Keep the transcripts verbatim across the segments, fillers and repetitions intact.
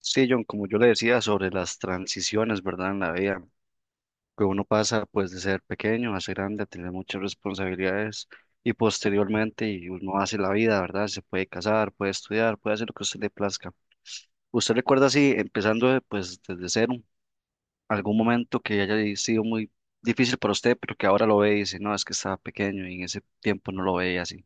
Sí, John, como yo le decía sobre las transiciones, ¿verdad? En la vida, que uno pasa pues de ser pequeño a ser grande, a tener muchas responsabilidades y posteriormente y uno hace la vida, ¿verdad? Se puede casar, puede estudiar, puede hacer lo que a usted le plazca. ¿Usted recuerda así, empezando de, pues desde cero, algún momento que haya sido muy difícil para usted, pero que ahora lo ve y dice, no, es que estaba pequeño y en ese tiempo no lo veía así?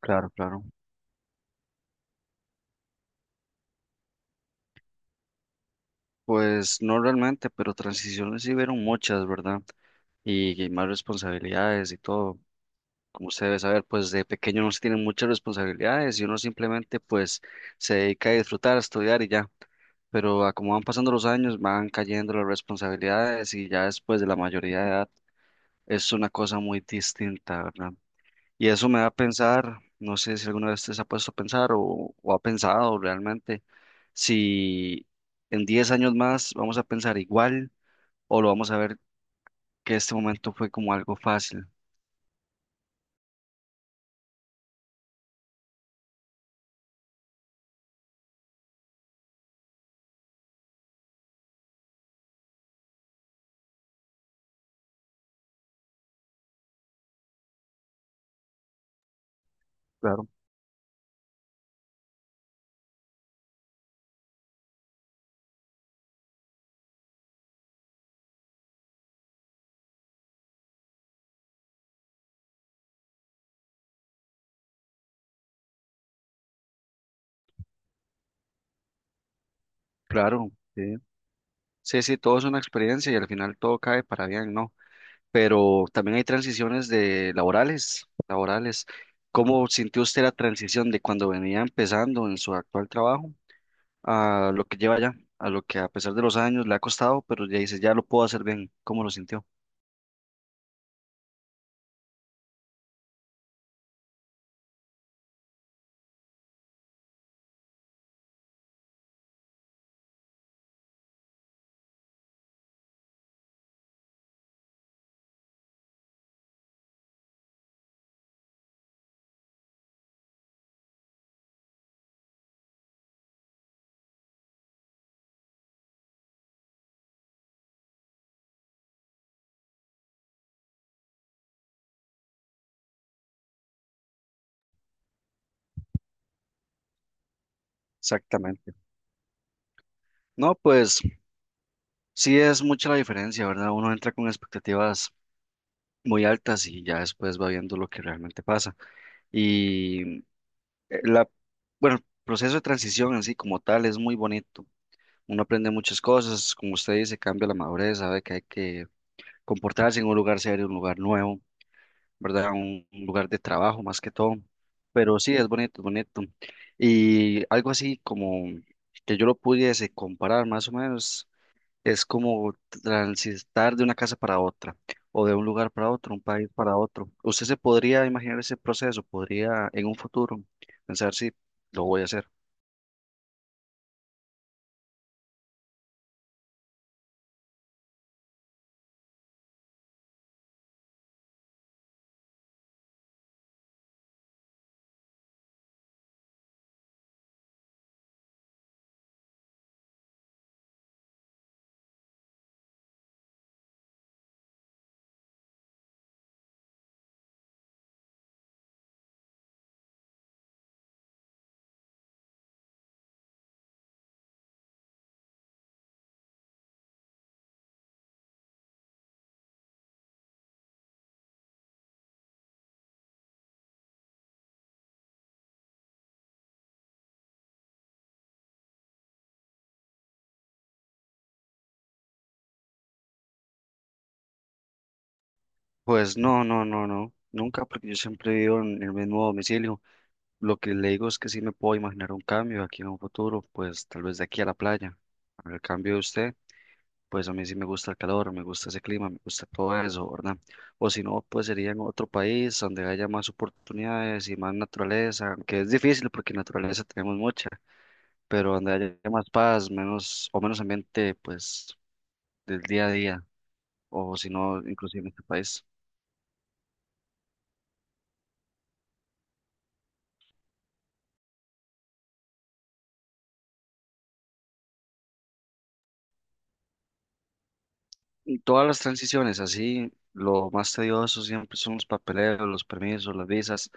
Claro, claro. Pues no realmente, pero transiciones sí vieron muchas, ¿verdad? Y, y más responsabilidades y todo. Como usted debe saber, pues de pequeño no se tienen muchas responsabilidades y uno simplemente pues se dedica a disfrutar, a estudiar y ya. Pero a como van pasando los años, van cayendo las responsabilidades y ya después de la mayoría de edad es una cosa muy distinta, ¿verdad? Y eso me da a pensar, no sé si alguna vez usted se ha puesto a pensar o, o ha pensado realmente si en diez años más vamos a pensar igual o lo vamos a ver que este momento fue como algo fácil. Claro, claro. Sí. Sí, sí, todo es una experiencia y al final todo cae para bien, ¿no? Pero también hay transiciones de laborales, laborales. ¿Cómo sintió usted la transición de cuando venía empezando en su actual trabajo a lo que lleva ya, a lo que a pesar de los años le ha costado, pero ya dice, ya lo puedo hacer bien? ¿Cómo lo sintió? Exactamente. No, pues sí es mucha la diferencia, ¿verdad? Uno entra con expectativas muy altas y ya después va viendo lo que realmente pasa. Y eh, La, bueno, el proceso de transición en sí como tal es muy bonito. Uno aprende muchas cosas, como usted dice, cambia la madurez, sabe que hay que comportarse en un lugar serio, un lugar nuevo, ¿verdad? Un, un lugar de trabajo más que todo. Pero sí, es bonito, es bonito. Y algo así como que yo lo pudiese comparar más o menos, es como transitar de una casa para otra, o de un lugar para otro, un país para otro. ¿Usted se podría imaginar ese proceso? ¿Podría en un futuro pensar si lo voy a hacer? Pues no, no, no, no, nunca, porque yo siempre vivo en el mismo domicilio. Lo que le digo es que sí me puedo imaginar un cambio aquí en un futuro, pues tal vez de aquí a la playa. En el cambio de usted, pues a mí sí me gusta el calor, me gusta ese clima, me gusta todo eso, ¿verdad? O si no, pues sería en otro país donde haya más oportunidades y más naturaleza, que es difícil porque naturaleza tenemos mucha, pero donde haya más paz, menos o menos ambiente, pues del día a día, o si no, inclusive en este país. Todas las transiciones, así, lo más tedioso siempre son los papeleos, los permisos, las visas,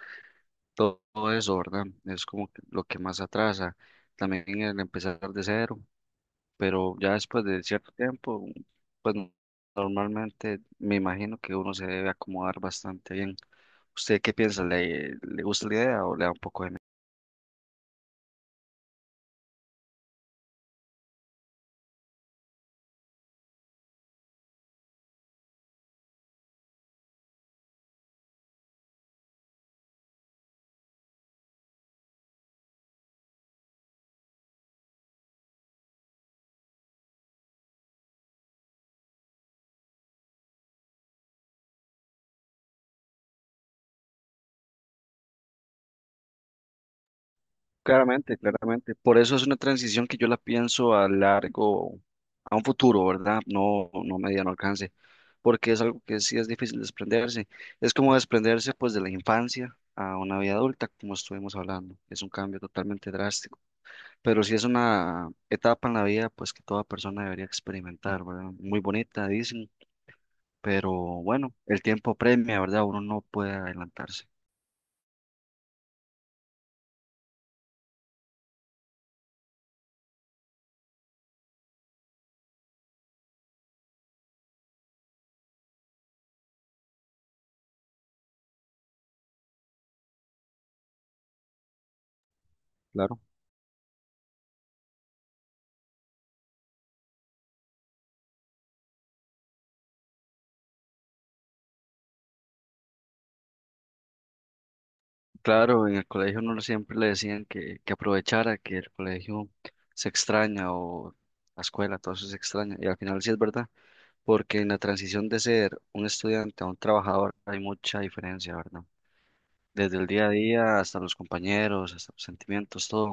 todo, todo eso, ¿verdad? Es como que lo que más atrasa. También el empezar de cero, pero ya después de cierto tiempo, pues normalmente me imagino que uno se debe acomodar bastante bien. ¿Usted qué piensa? ¿Le, le gusta la idea o le da un poco de Claramente, claramente. Por eso es una transición que yo la pienso a largo, a un futuro, ¿verdad? No, no mediano alcance, porque es algo que sí es difícil desprenderse. Es como desprenderse pues de la infancia a una vida adulta, como estuvimos hablando. Es un cambio totalmente drástico, pero sí es una etapa en la vida pues que toda persona debería experimentar, ¿verdad? Muy bonita, dicen, pero bueno, el tiempo premia, ¿verdad? Uno no puede adelantarse. Claro. Claro, en el colegio no siempre le decían que, que aprovechara, que el colegio se extraña o la escuela, todo eso se extraña. Y al final sí es verdad, porque en la transición de ser un estudiante a un trabajador hay mucha diferencia, ¿verdad? Desde el día a día hasta los compañeros, hasta los sentimientos, todo.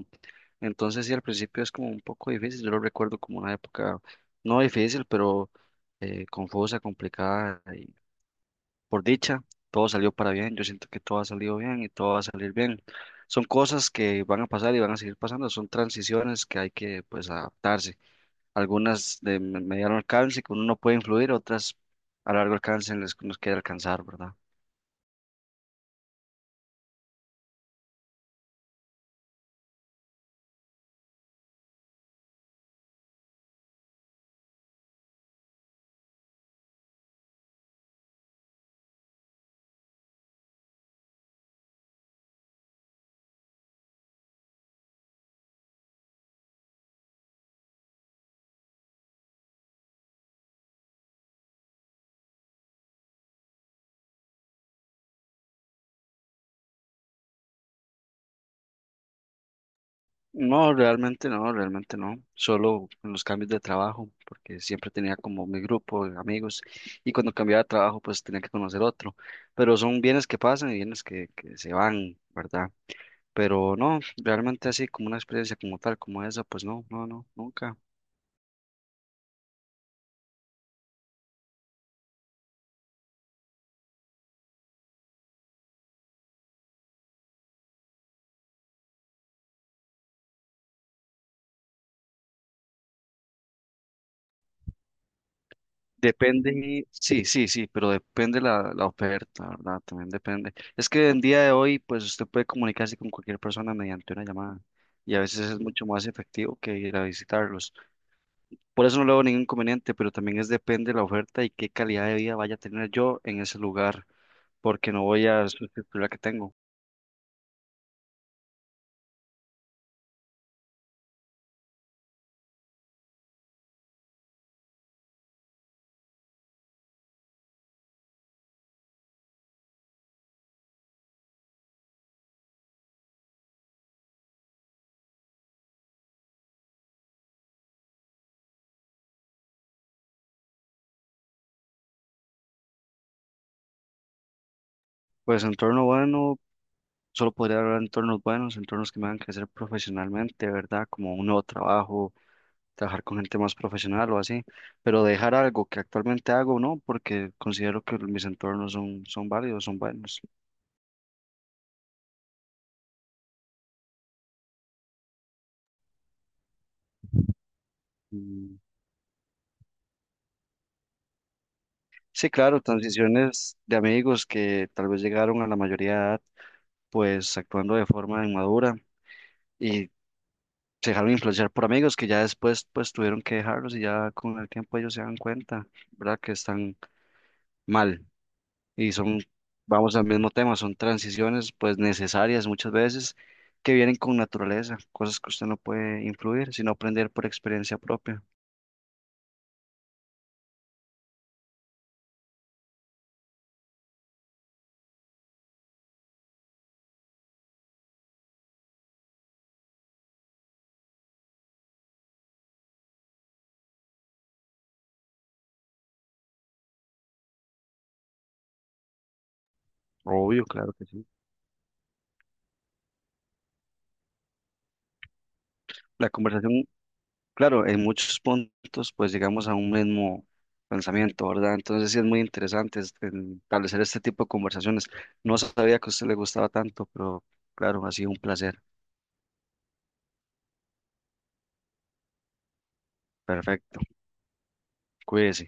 Entonces sí, al principio es como un poco difícil. Yo lo recuerdo como una época no difícil, pero eh, confusa, complicada por dicha, todo salió para bien. Yo siento que todo ha salido bien y todo va a salir bien. Son cosas que van a pasar y van a seguir pasando. Son transiciones que hay que, pues, adaptarse. Algunas de me- mediano alcance que uno no puede influir, otras a largo alcance en las que nos queda alcanzar, ¿verdad? No, realmente no, realmente no. Solo en los cambios de trabajo, porque siempre tenía como mi grupo de amigos y cuando cambiaba de trabajo, pues tenía que conocer otro. Pero son bienes que pasan y bienes que, que se van, ¿verdad? Pero no, realmente así como una experiencia como tal, como esa, pues no, no, no, nunca. Depende, sí, sí, sí, pero depende la, la oferta, ¿verdad? También depende. Es que en día de hoy, pues usted puede comunicarse con cualquier persona mediante una llamada y a veces es mucho más efectivo que ir a visitarlos. Por eso no le veo ningún inconveniente, pero también es depende la oferta y qué calidad de vida vaya a tener yo en ese lugar, porque no voy a sustituir la que tengo. Pues entorno bueno, solo podría hablar de entornos buenos, entornos que me hagan crecer profesionalmente, ¿verdad? Como un nuevo trabajo, trabajar con gente más profesional o así, pero dejar algo que actualmente hago, ¿no? Porque considero que mis entornos son, son válidos, son buenos. Mm. Sí, claro, transiciones de amigos que tal vez llegaron a la mayoría de edad, pues actuando de forma inmadura y se dejaron influenciar por amigos que ya después pues tuvieron que dejarlos y ya con el tiempo ellos se dan cuenta, ¿verdad? Que están mal. Y son, vamos al mismo tema, son transiciones pues necesarias muchas veces que vienen con naturaleza, cosas que usted no puede influir, sino aprender por experiencia propia. Obvio, claro que sí. La conversación, claro, en muchos puntos pues llegamos a un mismo pensamiento, ¿verdad? Entonces sí es muy interesante es- en establecer este tipo de conversaciones. No sabía que a usted le gustaba tanto, pero claro, ha sido un placer. Perfecto. Cuídese.